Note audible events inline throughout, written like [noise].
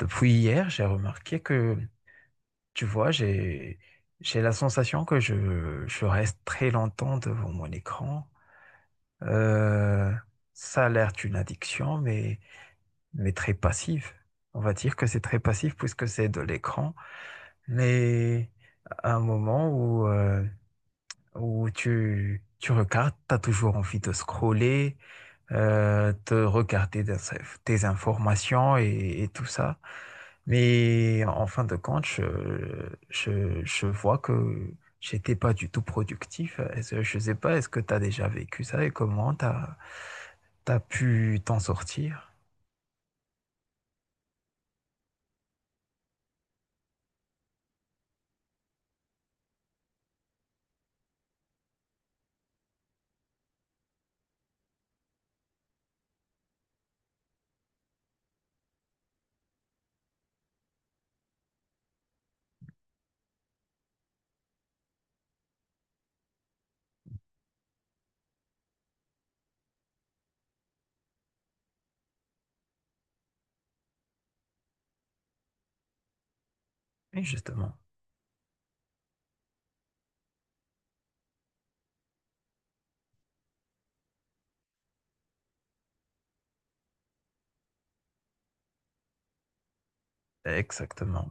Depuis hier, j'ai remarqué que, tu vois, j'ai la sensation que je reste très longtemps devant mon écran. Euh, Ça a l'air d'une addiction, mais très passive. On va dire que c'est très passif puisque c'est de l'écran, mais à un moment où tu regardes, tu as toujours envie de scroller, te regarder tes informations et tout ça. Mais en fin de compte, je vois que j'étais pas du tout productif. Je sais pas, est-ce que tu as déjà vécu ça et comment tu as pu t'en sortir? Oui, justement, exactement.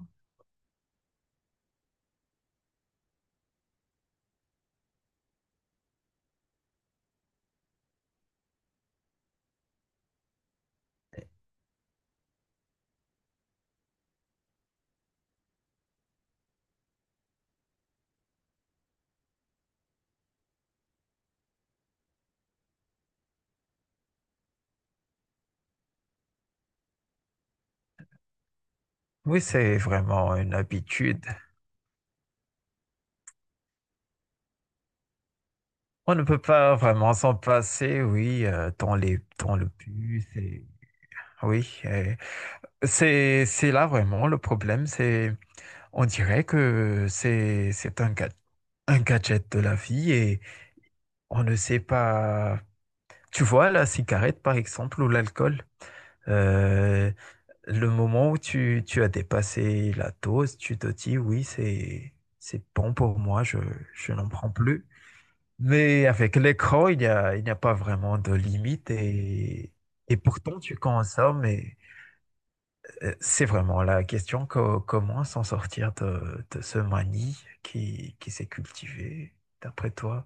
Oui, c'est vraiment une habitude. On ne peut pas vraiment s'en passer, oui, dans dans le bus. Oui, et c'est là vraiment le problème, c'est... On dirait que un gadget de la vie et on ne sait pas. Tu vois, la cigarette, par exemple, ou l'alcool, euh, le moment où tu as dépassé la dose, tu te dis oui, c'est bon pour moi, je n'en prends plus. Mais avec l'écran, il n'y a pas vraiment de limite et pourtant tu consommes et... C'est vraiment la question, comment s'en sortir de ce manie qui s'est cultivé, d'après toi?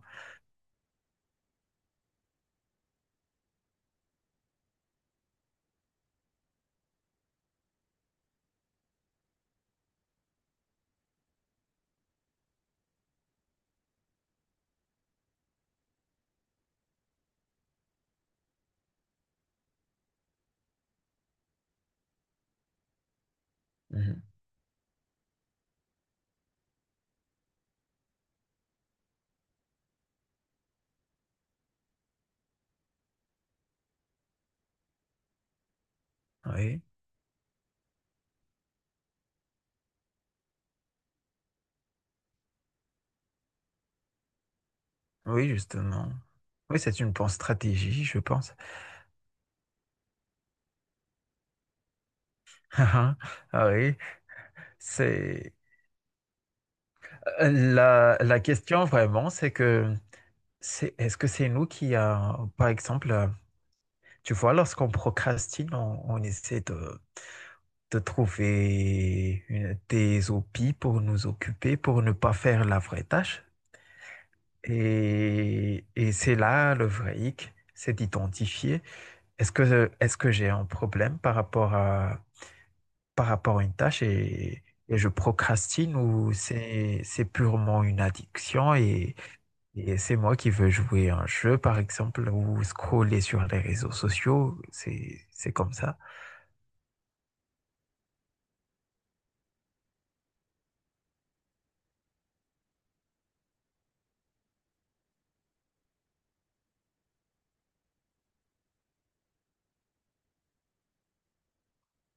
Mhm. Oui, oui, justement. Oui, c'est une bonne stratégie, je pense. [laughs] Ah oui, c'est la question vraiment, c'est que c'est est-ce que c'est nous qui a, par exemple, tu vois, lorsqu'on procrastine, on essaie de trouver des hobbies pour nous occuper, pour ne pas faire la vraie tâche. Et c'est là le vrai hic, c'est d'identifier est-ce que j'ai un problème par rapport à une tâche et je procrastine ou c'est purement une addiction et c'est moi qui veux jouer à un jeu par exemple ou scroller sur les réseaux sociaux, c'est comme ça.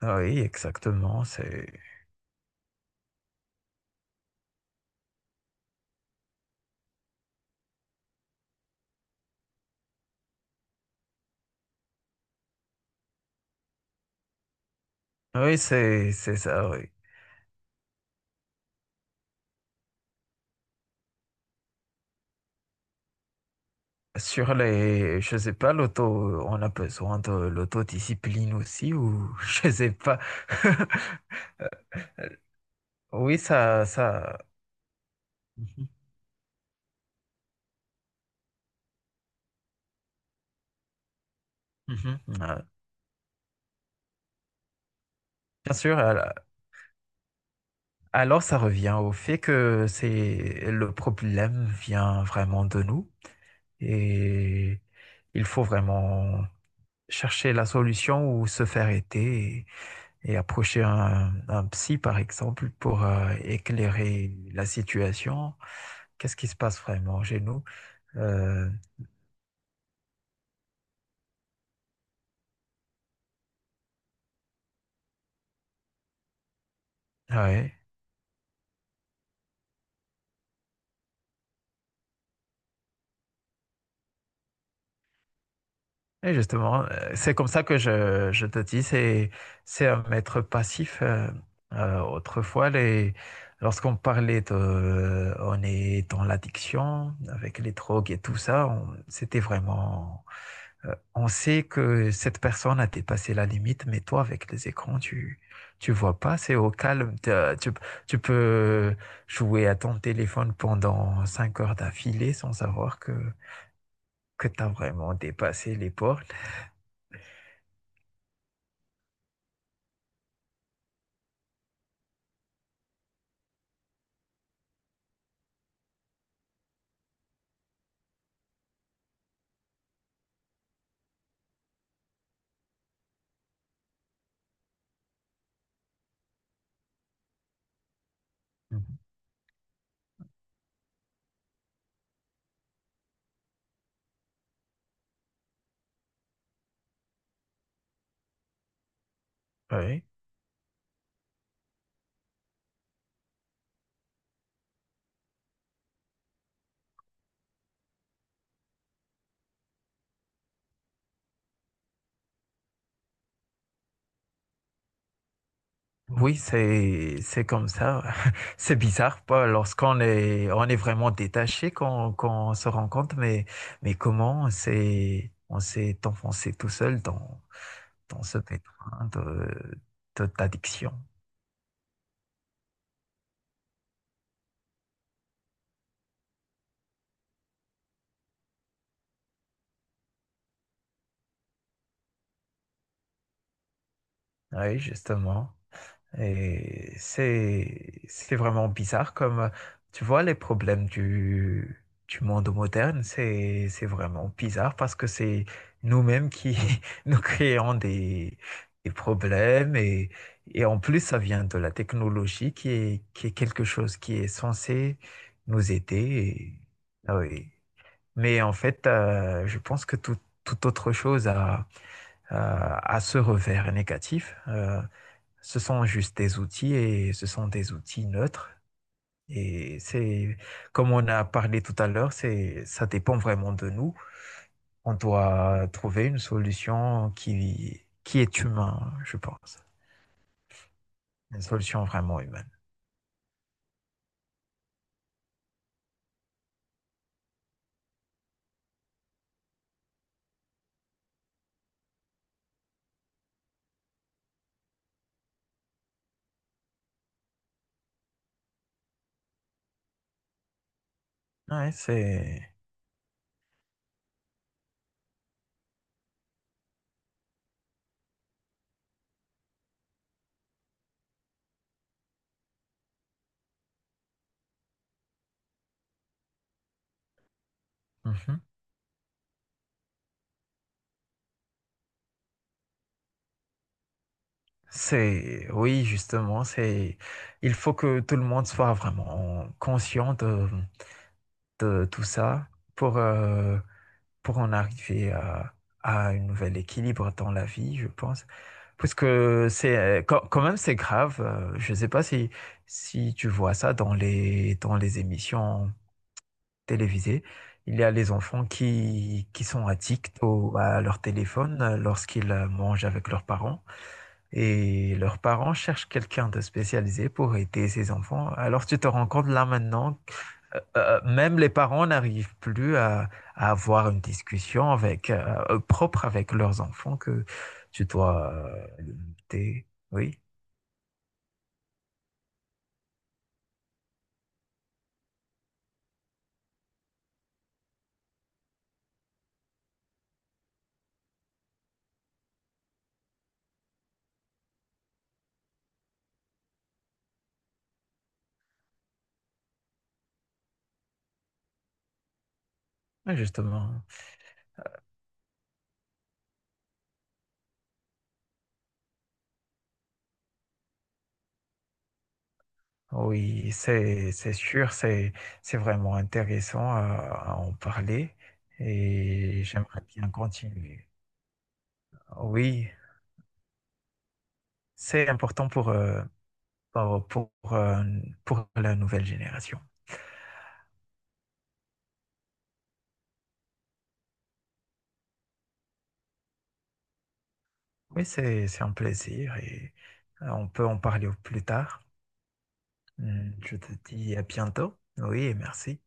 Ah oui, exactement, oui, c'est ça, oui. Sur les, je sais pas, l'auto, on a besoin de l'autodiscipline aussi, ou [laughs] je sais pas. [laughs] Oui, ça, ça. Mhm, mhm. Bien sûr, alors ça revient au fait que c'est le problème vient vraiment de nous et il faut vraiment chercher la solution ou se faire aider et approcher un psy, par exemple, pour éclairer la situation. Qu'est-ce qui se passe vraiment chez nous? Euh, ah ouais. Et justement, c'est comme ça que je te dis, c'est un maître passif. Autrefois, les, lorsqu'on parlait on est dans l'addiction, avec les drogues et tout ça, c'était vraiment, on sait que cette personne a dépassé la limite, mais toi, avec les écrans, tu vois pas, c'est au calme. Tu peux jouer à ton téléphone pendant cinq heures d'affilée sans savoir que tu as vraiment dépassé les portes. Mhm. Oui. Oui, c'est comme ça. [laughs] C'est bizarre, pas lorsqu'on est on est vraiment détaché qu'on se rend compte, mais comment on s'est enfoncé tout seul dans dans ce pétrin d'addiction. Oui, justement. Et c'est vraiment bizarre comme, tu vois, les problèmes du monde moderne, c'est vraiment bizarre parce que c'est nous-mêmes qui [laughs] nous créons des problèmes et en plus, ça vient de la technologie qui est quelque chose qui est censé nous aider. Ah oui. Mais en fait, je pense que toute autre chose a ce revers négatif. Ce sont juste des outils et ce sont des outils neutres. Et c'est, Comme on a parlé tout à l'heure, ça dépend vraiment de nous. On doit trouver une solution qui est humaine, je pense. Une solution vraiment humaine. Ouais, c'est... Mhm. Oui, justement, il faut que tout le monde soit vraiment conscient de tout ça pour, euh, pour en arriver à un nouvel équilibre dans la vie, je pense. Parce que c'est quand même c'est grave. Je ne sais pas si, si tu vois ça dans les émissions télévisées. Il y a les enfants qui sont addicts à leur téléphone lorsqu'ils mangent avec leurs parents. Et leurs parents cherchent quelqu'un de spécialisé pour aider ces enfants. Alors tu te rends compte là maintenant même les parents n'arrivent plus à avoir une discussion avec, propre avec leurs enfants que tu dois limiter. Oui, ouais, justement. Oui, c'est sûr, c'est vraiment intéressant à en parler et j'aimerais bien continuer. Oui, c'est important pour, pour, pour, euh, pour la nouvelle génération. Oui, c'est un plaisir et on peut en parler au plus tard. Hmm, je te dis à bientôt. Oui, merci.